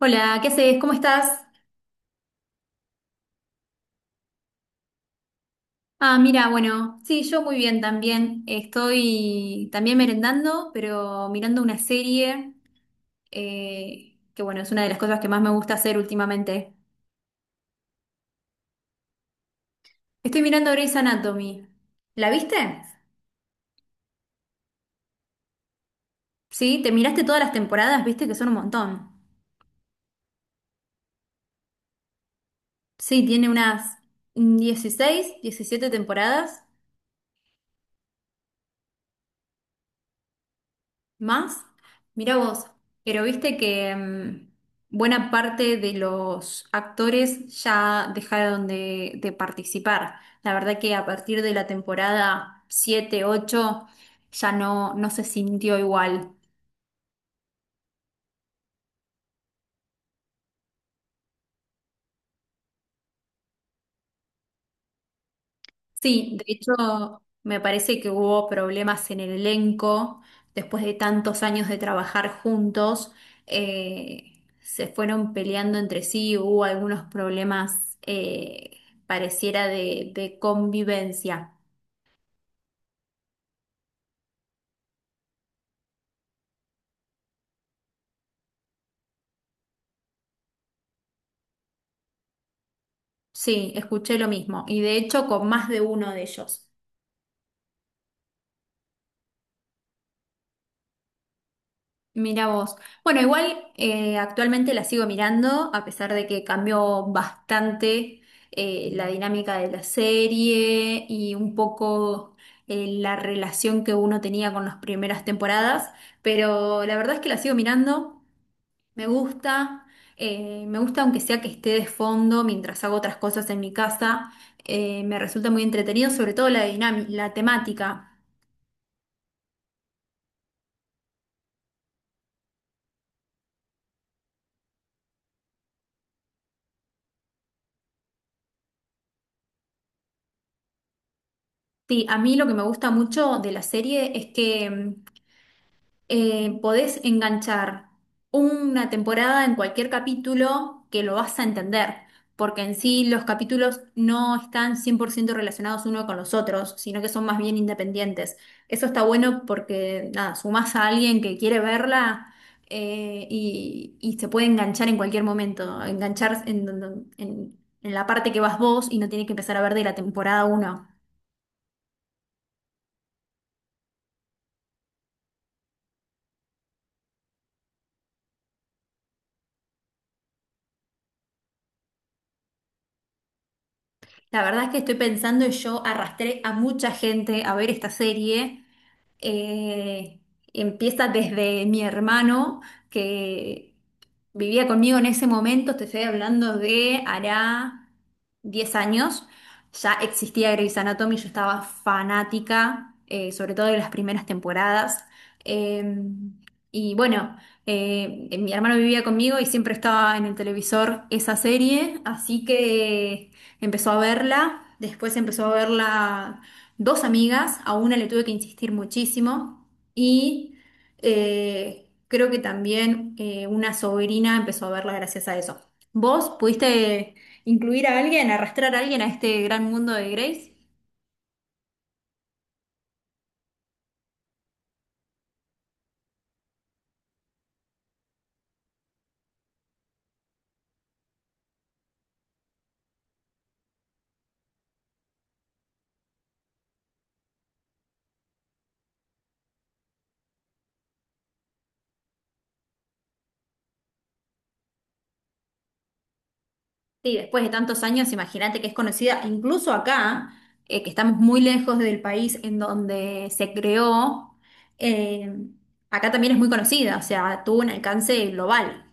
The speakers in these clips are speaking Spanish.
Hola, ¿qué haces? ¿Cómo estás? Ah, mira, bueno, sí, yo muy bien también. Estoy también merendando, pero mirando una serie, que bueno, es una de las cosas que más me gusta hacer últimamente. Estoy mirando Grey's Anatomy. ¿La viste? Sí, te miraste todas las temporadas, viste que son un montón. Sí, tiene unas 16, 17 temporadas. ¿Más? Mirá vos, pero viste que buena parte de los actores ya dejaron de participar. La verdad que a partir de la temporada 7, 8, ya no, no se sintió igual. Sí, de hecho, me parece que hubo problemas en el elenco. Después de tantos años de trabajar juntos, se fueron peleando entre sí, hubo algunos problemas, pareciera de convivencia. Sí, escuché lo mismo. Y de hecho, con más de uno de ellos. Mira vos. Bueno, igual actualmente la sigo mirando, a pesar de que cambió bastante la dinámica de la serie y un poco la relación que uno tenía con las primeras temporadas, pero la verdad es que la sigo mirando, me gusta, me gusta aunque sea que esté de fondo mientras hago otras cosas en mi casa, me resulta muy entretenido, sobre todo la la temática. Sí, a mí lo que me gusta mucho de la serie es que... podés enganchar una temporada en cualquier capítulo que lo vas a entender, porque en sí los capítulos no están 100% relacionados uno con los otros, sino que son más bien independientes. Eso está bueno porque, nada, sumás a alguien que quiere verla. Y se puede enganchar en cualquier momento, enganchar en la parte que vas vos y no tiene que empezar a ver de la temporada uno. La verdad es que estoy pensando y yo arrastré a mucha gente a ver esta serie, eh, empieza desde mi hermano que vivía conmigo en ese momento, te estoy hablando de hará 10 años, ya existía Grey's Anatomy, yo estaba fanática, sobre todo de las primeras temporadas. Eh, y bueno, Mi hermano vivía conmigo y siempre estaba en el televisor esa serie, así que empezó a verla, después empezó a verla dos amigas, a una le tuve que insistir muchísimo y creo que también una sobrina empezó a verla gracias a eso. ¿Vos pudiste incluir a alguien, arrastrar a alguien a este gran mundo de Grace? Sí, después de tantos años, imagínate que es conocida incluso acá, que estamos muy lejos del país en donde se creó. eh, Acá también es muy conocida, o sea, tuvo un alcance global.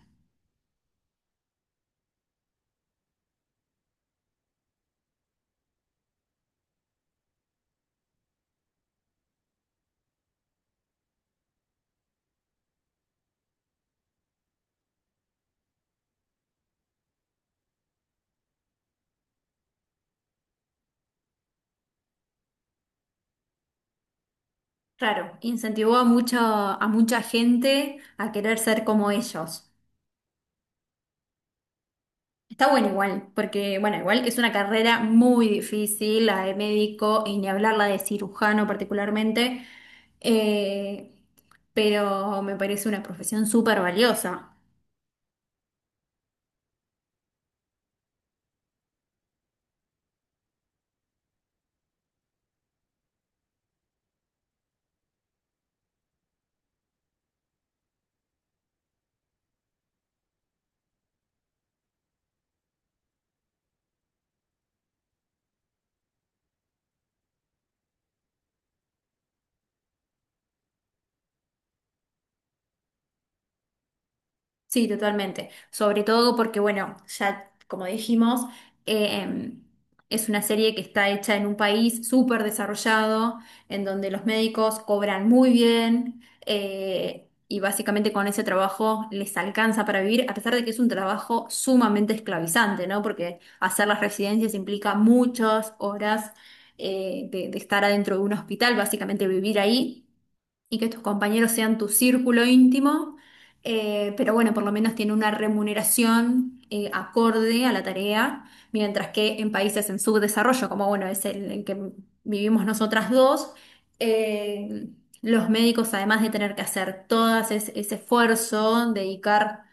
Claro, incentivó a mucho, a mucha gente a querer ser como ellos. Está bueno igual, porque bueno, igual es una carrera muy difícil, la de médico y ni hablar la de cirujano particularmente, eh, pero me parece una profesión súper valiosa. Sí, totalmente. Sobre todo porque, bueno, ya como dijimos, eh, em, es una serie que está hecha en un país súper desarrollado, en donde los médicos cobran muy bien y básicamente con ese trabajo les alcanza para vivir, a pesar de que es un trabajo sumamente esclavizante, ¿no? Porque hacer las residencias implica muchas horas de estar adentro de un hospital, básicamente vivir ahí y que tus compañeros sean tu círculo íntimo, pero bueno, por lo menos tiene una remuneración acorde a la tarea, mientras que en países en subdesarrollo, como bueno, es el que vivimos nosotras dos, eh, los médicos, además de tener que hacer todo ese esfuerzo, dedicar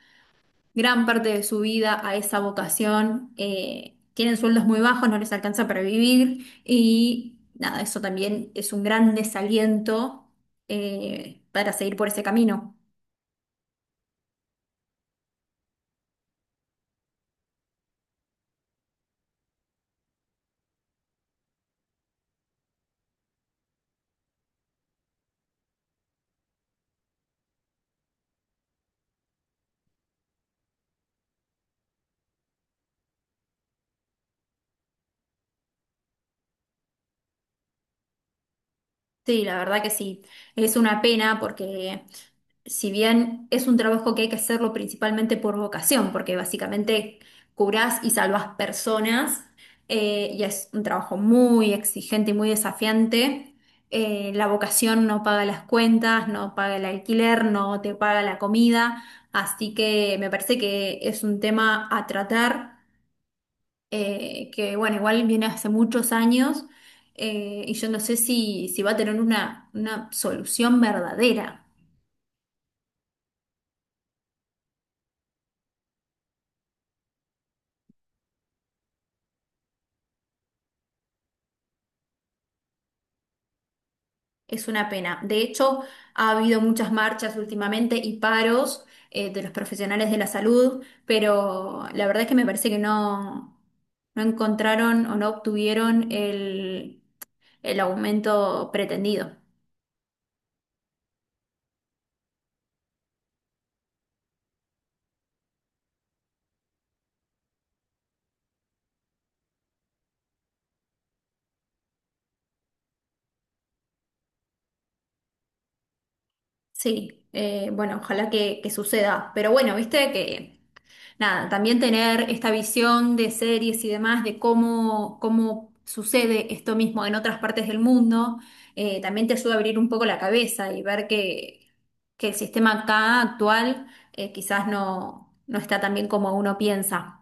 gran parte de su vida a esa vocación. Tienen sueldos muy bajos, no les alcanza para vivir y nada, eso también es un gran desaliento para seguir por ese camino. Sí, la verdad que sí. Es una pena porque si bien es un trabajo que hay que hacerlo principalmente por vocación, porque básicamente curás y salvás personas, y es un trabajo muy exigente y muy desafiante, la vocación no paga las cuentas, no paga el alquiler, no te paga la comida, así que me parece que es un tema a tratar, que bueno, igual viene hace muchos años, y yo no sé si va a tener una solución verdadera. Es una pena. De hecho, ha habido muchas marchas últimamente y paros de los profesionales de la salud, pero la verdad es que me parece que no, no encontraron o no obtuvieron el aumento pretendido. Sí, bueno, ojalá que suceda. Pero bueno, viste que, nada, también tener esta visión de series y demás, de cómo, cómo sucede esto mismo en otras partes del mundo, también te ayuda a abrir un poco la cabeza y ver que el sistema acá actual, quizás no, no está tan bien como uno piensa.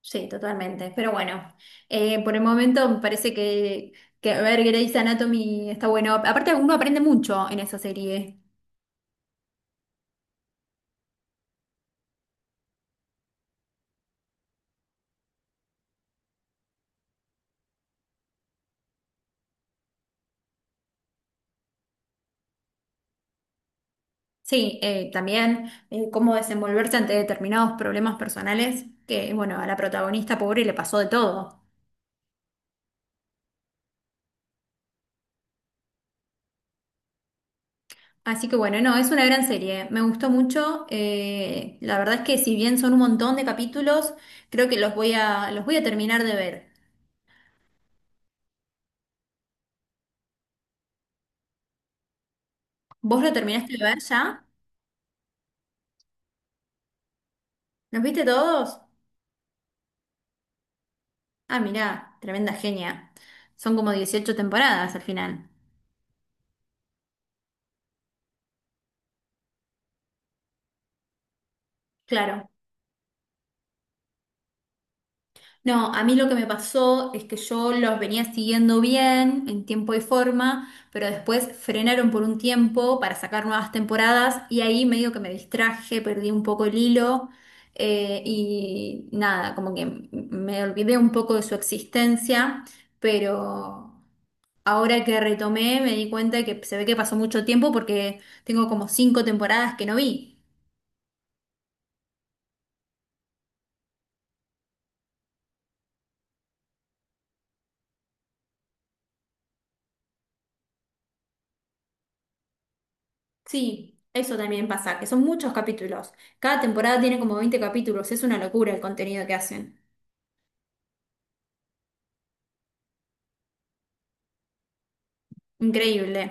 Sí, totalmente. Pero bueno, por el momento me parece que ver Grey's Anatomy está bueno. Aparte, uno aprende mucho en esa serie. Sí, también cómo desenvolverse ante determinados problemas personales, que bueno, a la protagonista pobre le pasó de todo. Así que bueno, no, es una gran serie, me gustó mucho. La verdad es que si bien son un montón de capítulos, creo que los voy los voy a terminar de ver. ¿Vos lo terminaste de ver ya? ¿Los viste todos? Ah, mirá, tremenda genia. Son como 18 temporadas al final. Claro. No, a mí lo que me pasó es que yo los venía siguiendo bien en tiempo y forma, pero después frenaron por un tiempo para sacar nuevas temporadas y ahí medio que me distraje, perdí un poco el hilo, y nada, como que me olvidé un poco de su existencia, pero ahora que retomé me di cuenta que se ve que pasó mucho tiempo porque tengo como 5 temporadas que no vi. Sí, eso también pasa, que son muchos capítulos. Cada temporada tiene como 20 capítulos, es una locura el contenido que hacen. Increíble.